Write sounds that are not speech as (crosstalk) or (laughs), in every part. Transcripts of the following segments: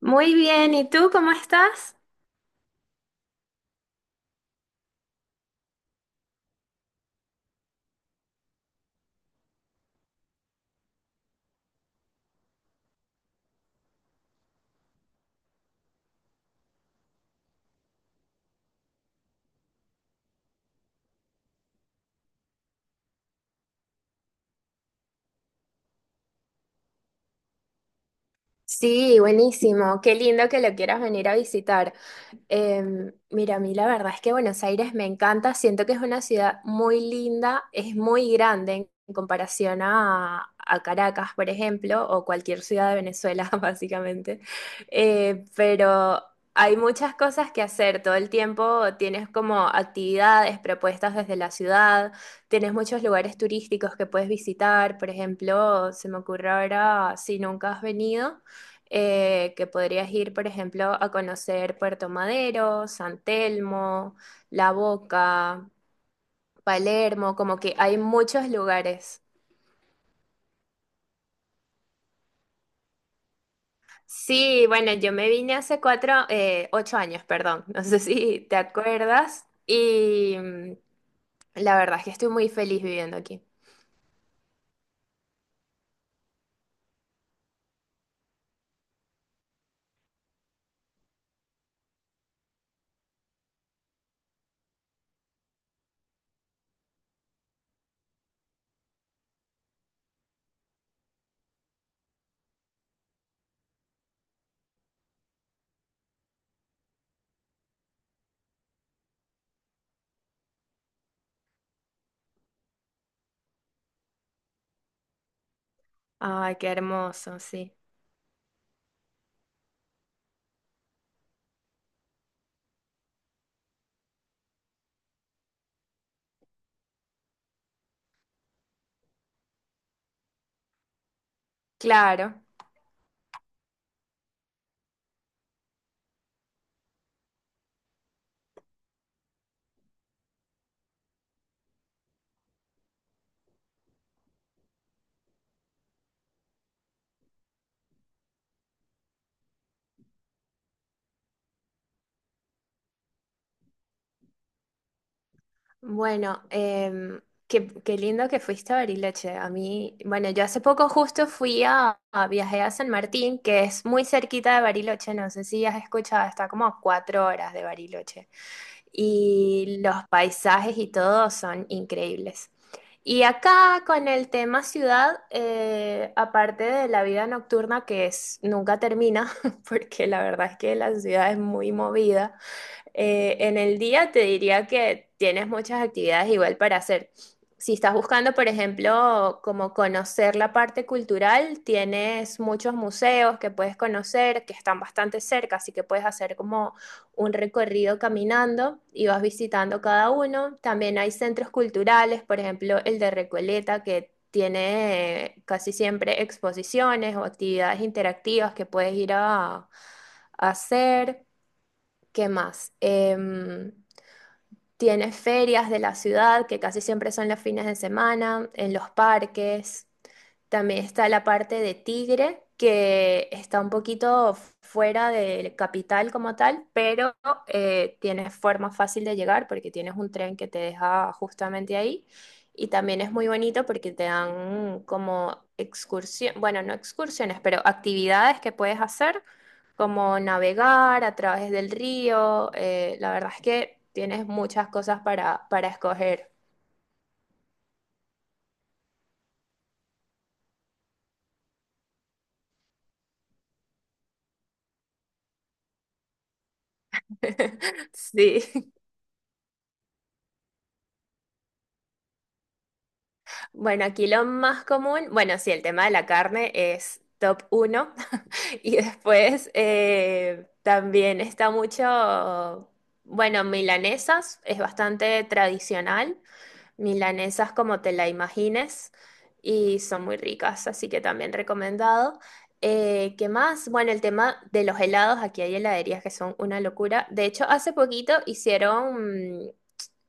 Muy bien, ¿y tú cómo estás? Sí, buenísimo. Qué lindo que lo quieras venir a visitar. Mira, a mí la verdad es que Buenos Aires me encanta, siento que es una ciudad muy linda, es muy grande en comparación a Caracas, por ejemplo, o cualquier ciudad de Venezuela, (laughs) básicamente. Pero hay muchas cosas que hacer todo el tiempo, tienes como actividades propuestas desde la ciudad, tienes muchos lugares turísticos que puedes visitar, por ejemplo, se me ocurre ahora, si nunca has venido que podrías ir, por ejemplo, a conocer Puerto Madero, San Telmo, La Boca, Palermo, como que hay muchos lugares. Sí, bueno, yo me vine hace cuatro, 8 años, perdón, (laughs) no sé si te acuerdas, y la verdad es que estoy muy feliz viviendo aquí. Ay, qué hermoso, sí. Claro. Bueno, qué lindo que fuiste a Bariloche. A mí, bueno, yo hace poco justo a viajé a San Martín, que es muy cerquita de Bariloche, no sé si has escuchado, está como a 4 horas de Bariloche. Y los paisajes y todo son increíbles. Y acá con el tema ciudad, aparte de la vida nocturna que es, nunca termina, (laughs) porque la verdad es que la ciudad es muy movida, en el día te diría que tienes muchas actividades igual para hacer. Si estás buscando, por ejemplo, como conocer la parte cultural, tienes muchos museos que puedes conocer, que están bastante cerca, así que puedes hacer como un recorrido caminando y vas visitando cada uno. También hay centros culturales, por ejemplo, el de Recoleta, que tiene casi siempre exposiciones o actividades interactivas que puedes ir a hacer. ¿Qué más? Tiene ferias de la ciudad, que casi siempre son los fines de semana, en los parques. También está la parte de Tigre, que está un poquito fuera del capital como tal, pero tiene forma fácil de llegar porque tienes un tren que te deja justamente ahí. Y también es muy bonito porque te dan como excursión, bueno, no excursiones, pero actividades que puedes hacer como navegar a través del río. La verdad es que tienes muchas cosas para escoger. (laughs) Sí. Bueno, aquí lo más común, bueno, sí, el tema de la carne es top uno. (laughs) Y después también está mucho, bueno, milanesas, es bastante tradicional. Milanesas como te la imagines y son muy ricas, así que también recomendado. ¿Qué más? Bueno, el tema de los helados, aquí hay heladerías que son una locura. De hecho, hace poquito hicieron,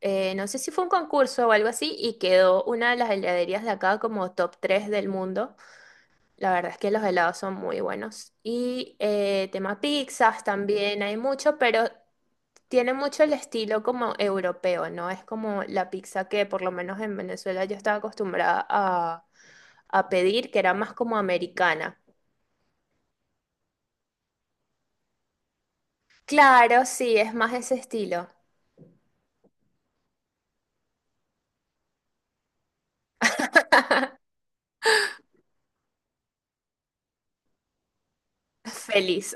no sé si fue un concurso o algo así, y quedó una de las heladerías de acá como top 3 del mundo. La verdad es que los helados son muy buenos. Y tema pizzas también hay mucho, pero tiene mucho el estilo como europeo, ¿no? Es como la pizza que por lo menos en Venezuela yo estaba acostumbrada a pedir, que era más como americana. Claro, sí, es más ese estilo. (laughs) Feliz.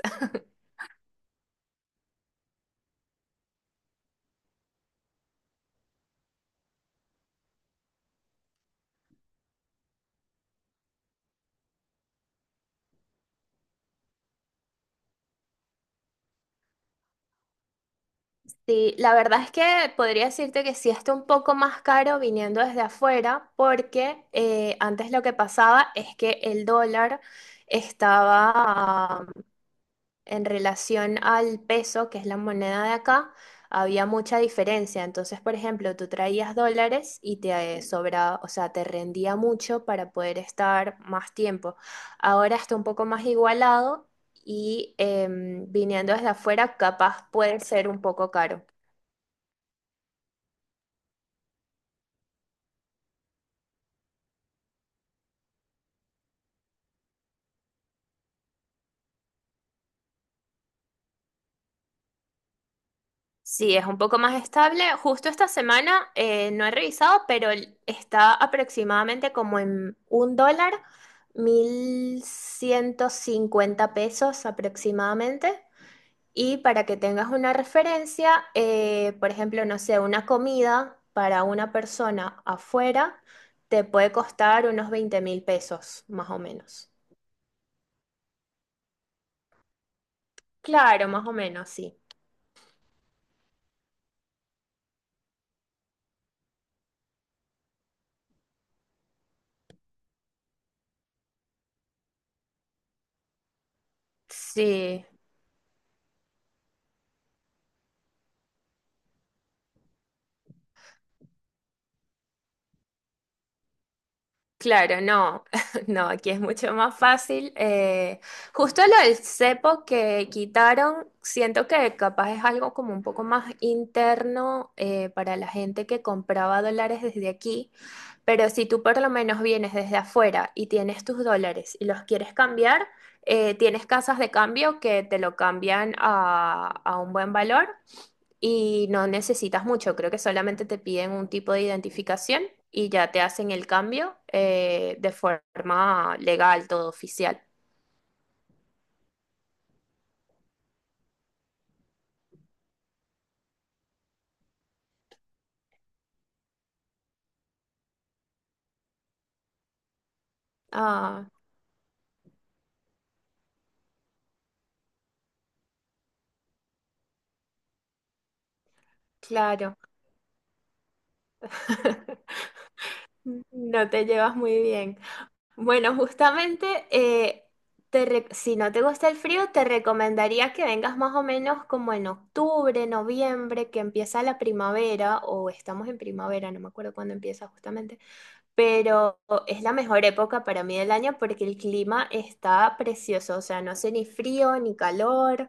Sí, la verdad es que podría decirte que sí está un poco más caro viniendo desde afuera, porque antes lo que pasaba es que el dólar estaba en relación al peso, que es la moneda de acá, había mucha diferencia. Entonces, por ejemplo, tú traías dólares y te sobraba, o sea, te rendía mucho para poder estar más tiempo. Ahora está un poco más igualado y viniendo desde afuera, capaz puede ser un poco caro. Sí, es un poco más estable. Justo esta semana no he revisado, pero está aproximadamente como en un dólar, 1150 pesos aproximadamente. Y para que tengas una referencia, por ejemplo, no sé, una comida para una persona afuera te puede costar unos 20.000 pesos, más o menos. Claro, más o menos, sí. Sí. Claro, no, (laughs) no, aquí es mucho más fácil. Justo lo del cepo que quitaron, siento que capaz es algo como un poco más interno para la gente que compraba dólares desde aquí, pero si tú por lo menos vienes desde afuera y tienes tus dólares y los quieres cambiar, tienes casas de cambio que te lo cambian a un buen valor. Y no necesitas mucho, creo que solamente te piden un tipo de identificación y ya te hacen el cambio de forma legal, todo oficial. Ah, claro. (laughs) No te llevas muy bien. Bueno, justamente, si no te gusta el frío, te recomendaría que vengas más o menos como en octubre, noviembre, que empieza la primavera, o estamos en primavera, no me acuerdo cuándo empieza justamente. Pero es la mejor época para mí del año porque el clima está precioso, o sea, no hace ni frío ni calor,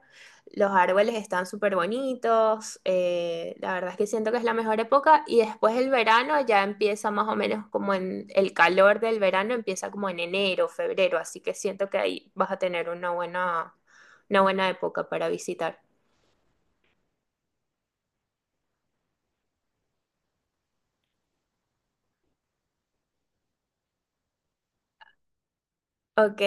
los árboles están súper bonitos, la verdad es que siento que es la mejor época y después el verano ya empieza más o menos como en el calor del verano, empieza como en enero, febrero, así que siento que ahí vas a tener una buena época para visitar. Ok.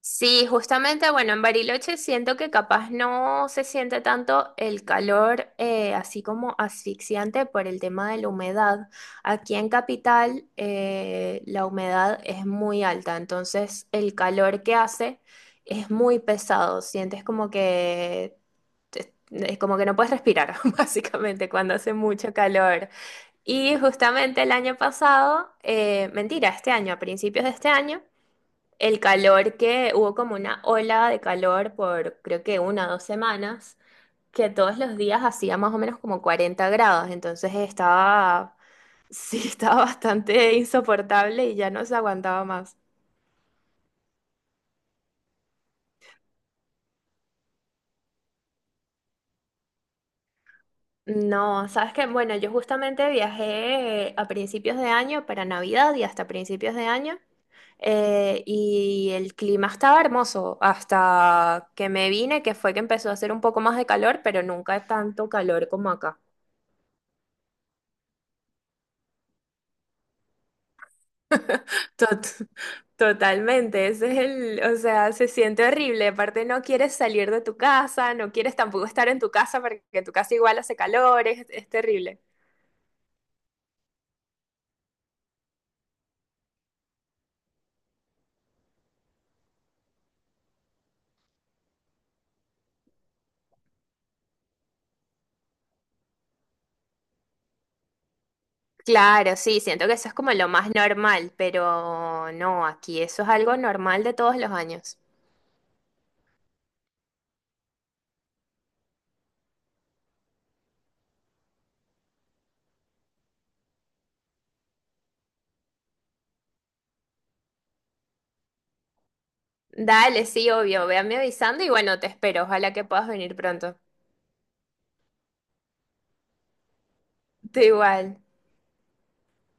Sí, justamente, bueno, en Bariloche siento que capaz no se siente tanto el calor así como asfixiante por el tema de la humedad. Aquí en Capital la humedad es muy alta, entonces el calor que hace es muy pesado. Sientes como que, es como que no puedes respirar, (laughs) básicamente, cuando hace mucho calor. Y justamente el año pasado, mentira, este año, a principios de este año el calor que hubo como una ola de calor por creo que 1 o 2 semanas, que todos los días hacía más o menos como 40 grados, entonces estaba, sí, (laughs) estaba bastante insoportable y ya no se aguantaba más. No, sabes que, bueno, yo justamente viajé a principios de año para Navidad y hasta principios de año, y el clima estaba hermoso hasta que me vine, que fue que empezó a hacer un poco más de calor, pero nunca tanto calor como acá. Tot- totalmente, ese es el, o sea, se siente horrible, aparte no quieres salir de tu casa, no quieres tampoco estar en tu casa porque tu casa igual hace calor, es terrible. Claro, sí, siento que eso es como lo más normal, pero no, aquí eso es algo normal de todos los años. Dale, sí, obvio, véanme avisando y bueno, te espero, ojalá que puedas venir pronto. Te igual.